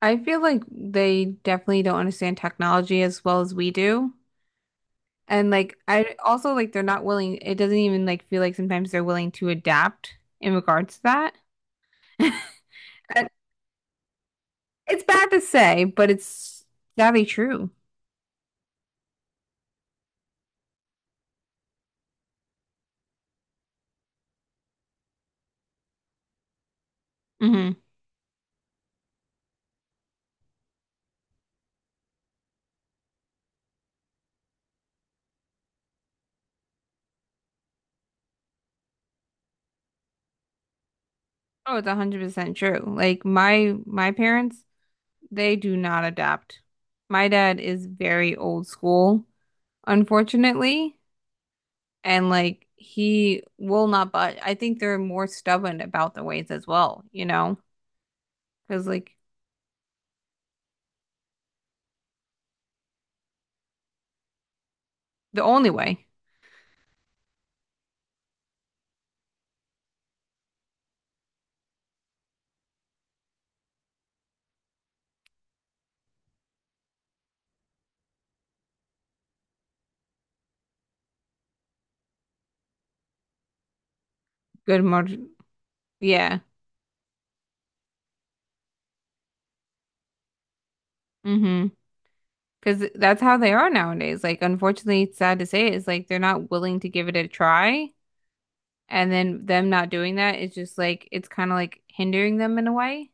I feel like they definitely don't understand technology as well as we do. And like I also like they're not willing, it doesn't even like feel like sometimes they're willing to adapt in regards to that. And It's bad to say, but it's sadly true. Hmm Oh, it's 100% true. Like my parents, they do not adapt. My dad is very old school, unfortunately. And like he will not budge. I think they're more stubborn about the ways as well, you know, because like the only way, good margin, yeah, mm-hmm, because that's how they are nowadays. Like, unfortunately, it's sad to say, is like they're not willing to give it a try, and then them not doing that is just like it's kind of like hindering them in a way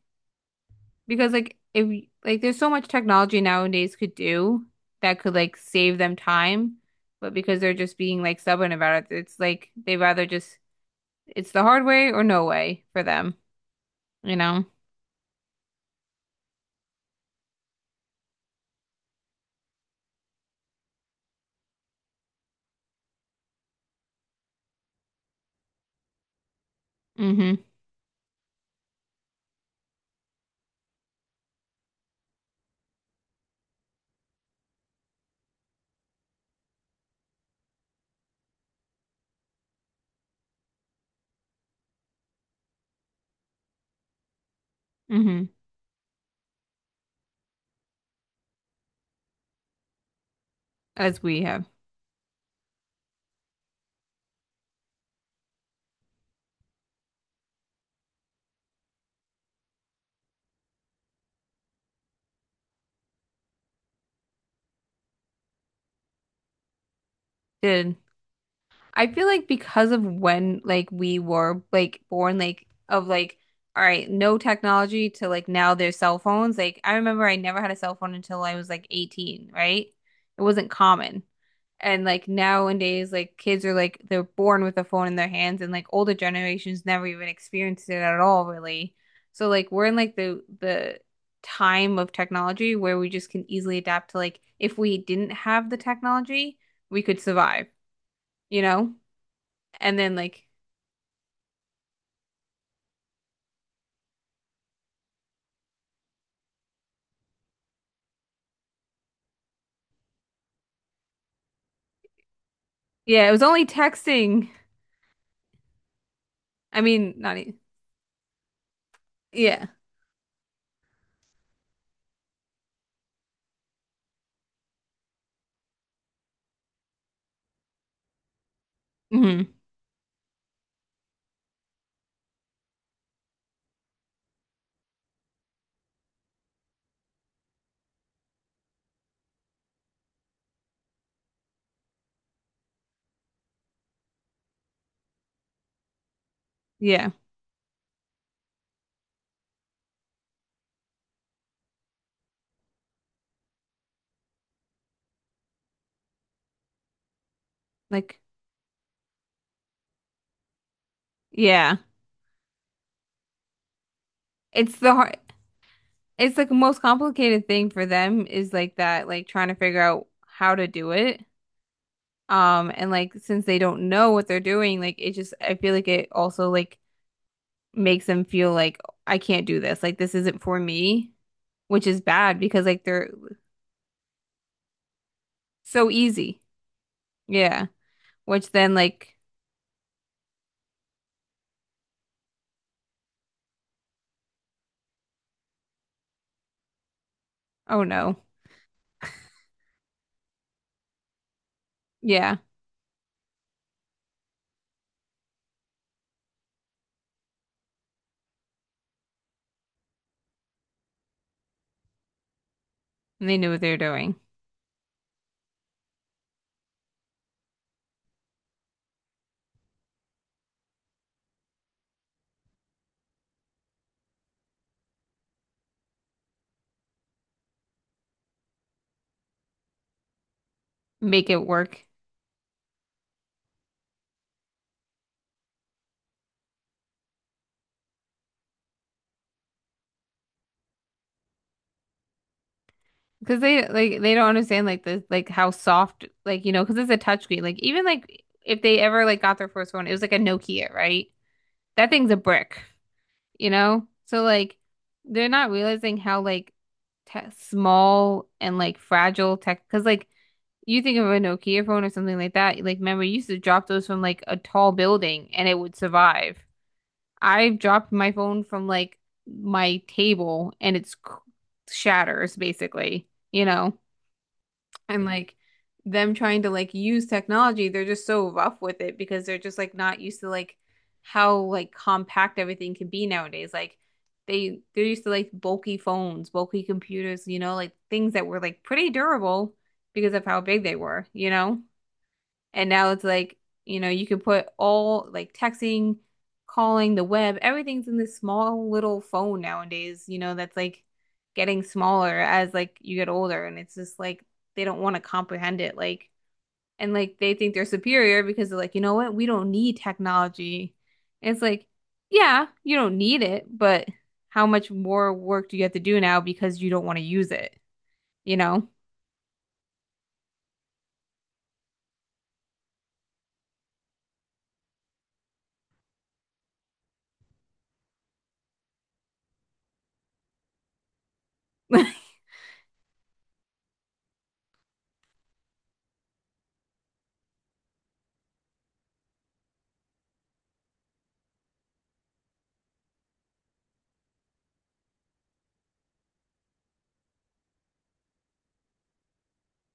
because like if like there's so much technology nowadays could do that could like save them time. But because they're just being like stubborn about it, it's like they rather just. It's the hard way or no way for them, you know? Mm-hmm. Mm-hmm. As we have did. I feel like because of when like we were like born, like of like all right, no technology to like now there's cell phones. Like I remember I never had a cell phone until I was like 18, right? It wasn't common. And like nowadays, like kids are like they're born with a phone in their hands, and like older generations never even experienced it at all, really. So like we're in like the time of technology where we just can easily adapt to like if we didn't have the technology, we could survive, you know? And then like yeah, it was only texting. I mean, not e- yeah. hmm Yeah. Like yeah. It's the hard. It's like the most complicated thing for them is like that, like trying to figure out how to do it. And like since they don't know what they're doing, like it just I feel like it also like makes them feel like I can't do this. Like this isn't for me, which is bad because like they're so easy. Yeah. Which then like, oh no. Yeah. And they knew what they were doing. Make it work. Because they like they don't understand like the like how soft like you know because it's a touchscreen like even like if they ever like got their first one it was like a Nokia right, that thing's a brick, you know, so like they're not realizing how like te small and like fragile tech because like you think of a Nokia phone or something like that like remember you used to drop those from like a tall building and it would survive. I've dropped my phone from like my table and it's cr- shatters basically, you know, and like them trying to like use technology, they're just so rough with it because they're just like not used to like how like compact everything can be nowadays. Like they're used to like bulky phones, bulky computers, you know, like things that were like pretty durable because of how big they were, you know? And now it's like, you know, you can put all like texting, calling, the web, everything's in this small little phone nowadays, you know, that's like getting smaller as like you get older. And it's just like they don't want to comprehend it. Like, and like they think they're superior because they're like, you know what? We don't need technology. And it's like, yeah, you don't need it, but how much more work do you have to do now because you don't want to use it, you know?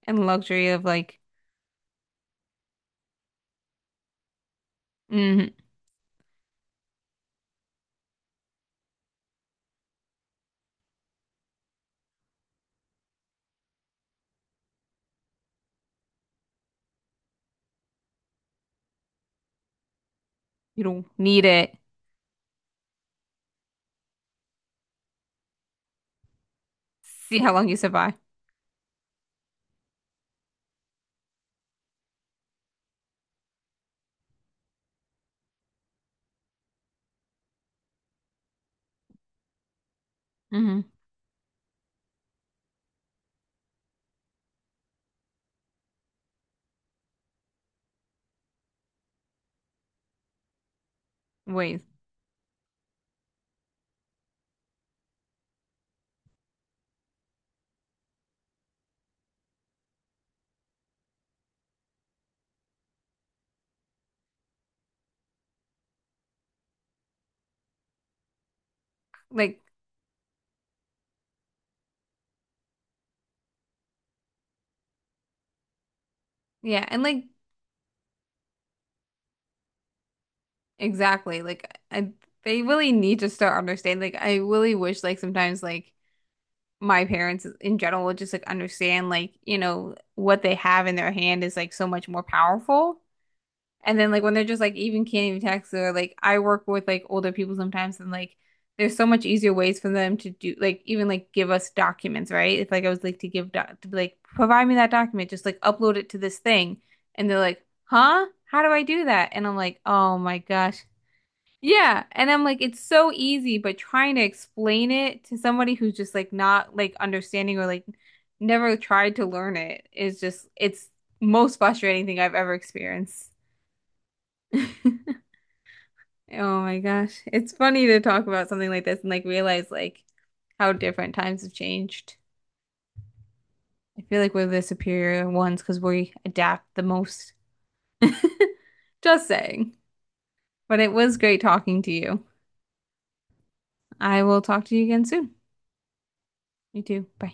And luxury of like, mhm, you don't need it. See how long you survive. Hmm Ways. Like, yeah, and like exactly. Like I, they really need to start understanding. Like I really wish like sometimes like my parents in general would just like understand like, you know, what they have in their hand is like so much more powerful. And then like when they're just like even can't even text or like I work with like older people sometimes and like there's so much easier ways for them to do like even like give us documents, right? If like I was like to give doc to be like provide me that document, just like upload it to this thing. And they're like, "Huh? How do I do that?" And I'm like, "Oh my gosh." Yeah, and I'm like it's so easy, but trying to explain it to somebody who's just like not like understanding or like never tried to learn it is just it's most frustrating thing I've ever experienced. Oh my gosh. It's funny to talk about something like this and like realize like how different times have changed. I feel like we're the superior ones because we adapt the most. Just saying. But it was great talking to you. I will talk to you again soon. You too. Bye.